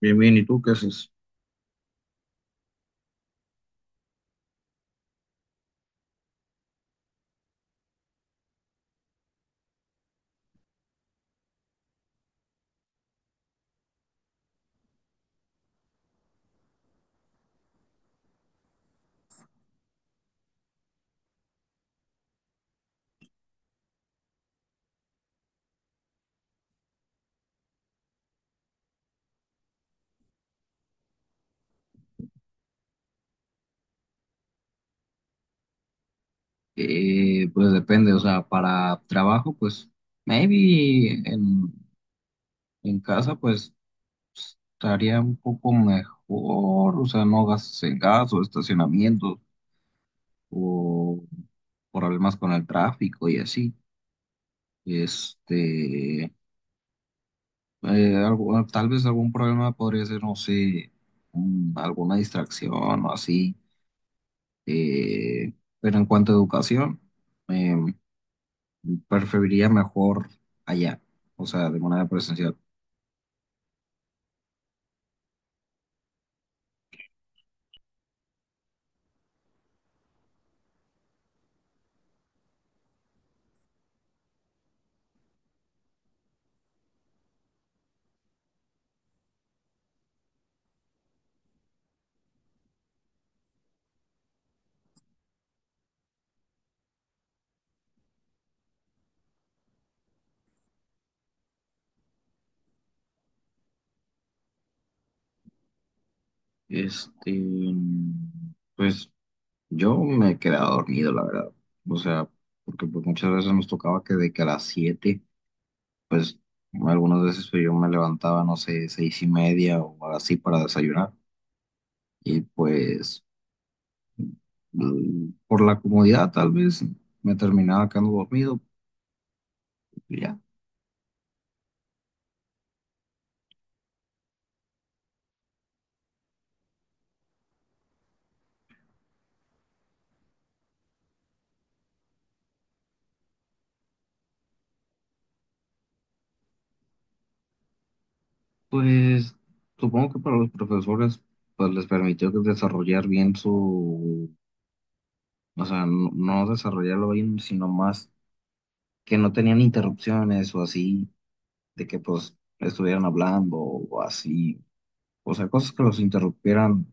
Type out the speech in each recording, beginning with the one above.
Bien, bien, ¿y tú qué haces? Pues depende, o sea, para trabajo, pues maybe en casa, pues estaría un poco mejor, o sea, no gastos en gas o estacionamiento o problemas con el tráfico y así. Este, tal vez algún problema podría ser, no sé, alguna distracción o así. Eh, pero en cuanto a educación, em, preferiría mejor allá, o sea, de manera presencial. Este, pues yo me he quedado dormido, la verdad. O sea, porque pues muchas veces nos tocaba que de que a las 7, pues algunas veces pues, yo me levantaba, no sé, seis y media o así para desayunar. Y pues por la comodidad tal vez me terminaba quedando dormido. Y ya, pues supongo que para los profesores pues les permitió que desarrollar bien su, o sea, no, no desarrollarlo bien, sino más que no tenían interrupciones o así, de que pues estuvieran hablando o así. O sea, cosas que los interrumpieran,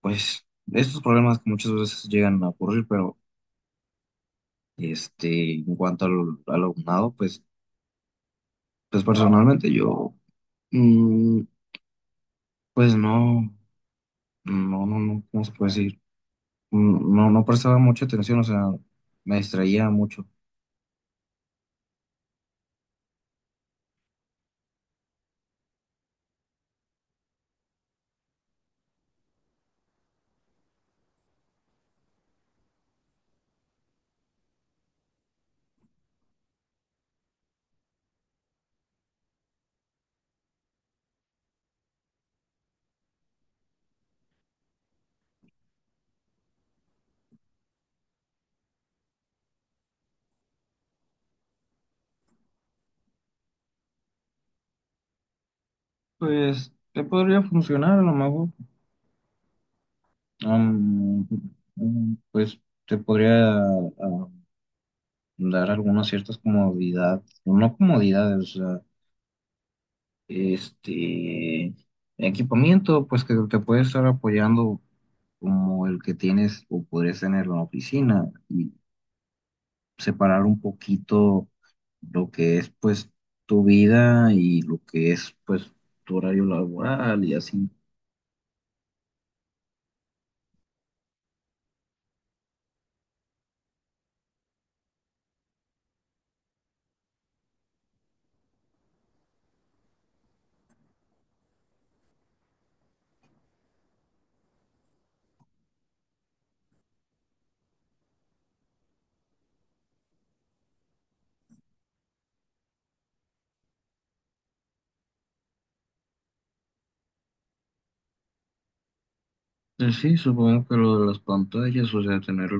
pues estos problemas que muchas veces llegan a ocurrir, pero este, en cuanto al alumnado, pues personalmente yo, mm, pues no, no, no, no, ¿cómo se puede decir? No, no prestaba mucha atención, o sea, me distraía mucho. Pues, te podría funcionar a lo mejor. Um, pues te podría dar algunas ciertas comodidades, no comodidades, o sea, este equipamiento, pues que te puede estar apoyando como el que tienes o podrías tener en la oficina y separar un poquito lo que es pues tu vida y lo que es pues tu horario laboral y así. Sí, supongo que lo de las pantallas, o sea, tener,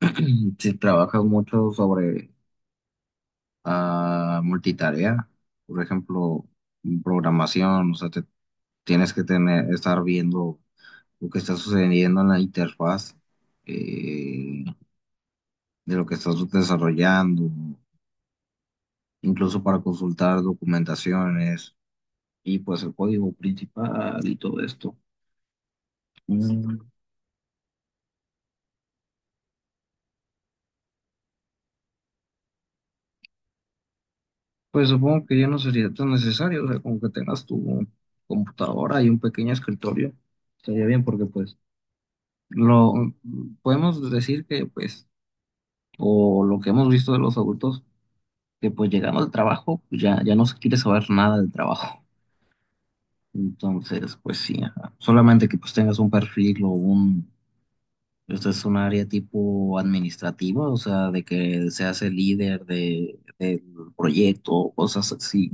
si trabajas mucho sobre a multitarea, por ejemplo, programación, o sea, te tienes que tener, estar viendo lo que está sucediendo en la interfaz eh, de lo que estás desarrollando, incluso para consultar documentaciones y pues el código principal y todo esto. Mm, Pues supongo que ya no sería tan necesario, o sea, como que tengas tu computadora y un pequeño escritorio, estaría bien porque pues lo podemos decir que pues o lo que hemos visto de los adultos, que pues llegando al trabajo, pues ya, ya no se quiere saber nada del trabajo. Entonces, pues sí, ajá. Solamente que pues tengas un perfil o un, esto es un área tipo administrativa, o sea, de que seas el líder del proyecto, o cosas así.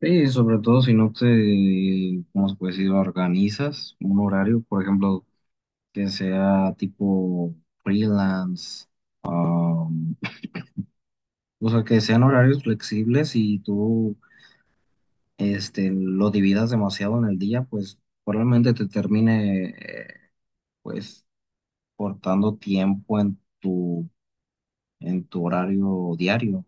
Sí, sobre todo si no te, ¿cómo se puede decir? Organizas un horario, por ejemplo, que sea tipo freelance. O sea, que sean horarios flexibles y tú este, lo dividas demasiado en el día, pues probablemente te termine pues cortando tiempo en tu, horario diario.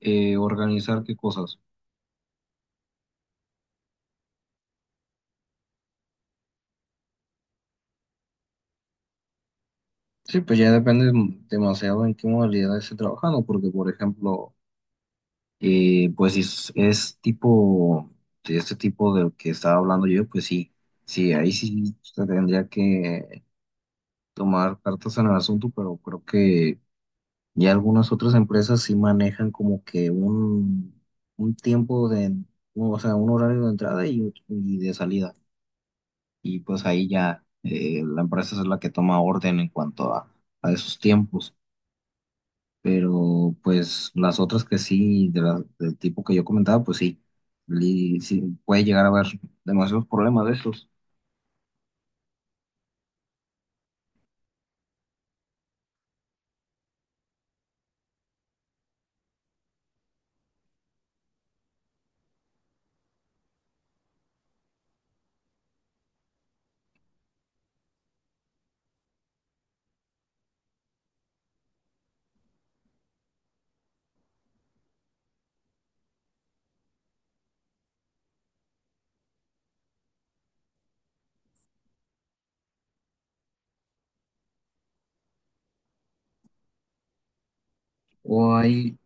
¿Organizar qué cosas? Sí, pues ya depende demasiado en qué modalidad esté trabajando, porque por ejemplo, pues si es tipo, de este tipo del que estaba hablando yo, pues sí, sí, ahí sí se tendría que tomar cartas en el asunto, pero creo que, y algunas otras empresas sí manejan como que un, tiempo de, o sea, un horario de entrada y de salida. Y pues ahí ya la empresa es la que toma orden en cuanto a esos tiempos. Pero pues las otras que sí, del tipo que yo comentaba, pues sí, sí puede llegar a haber demasiados problemas de esos. O hay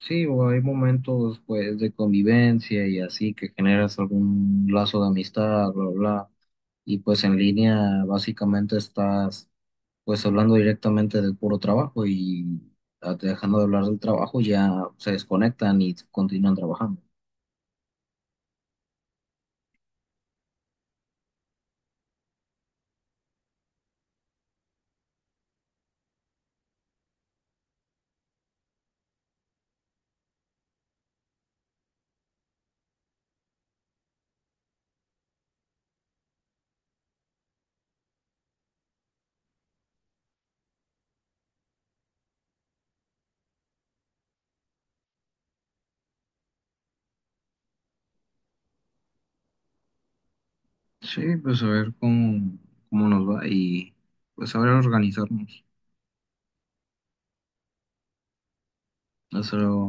Sí, o hay momentos pues de convivencia y así que generas algún lazo de amistad, bla, bla, bla. Y pues en línea básicamente estás pues hablando directamente del puro trabajo y dejando de hablar del trabajo ya se desconectan y continúan trabajando. Sí, pues a ver cómo nos va y pues saber organizarnos. Eso.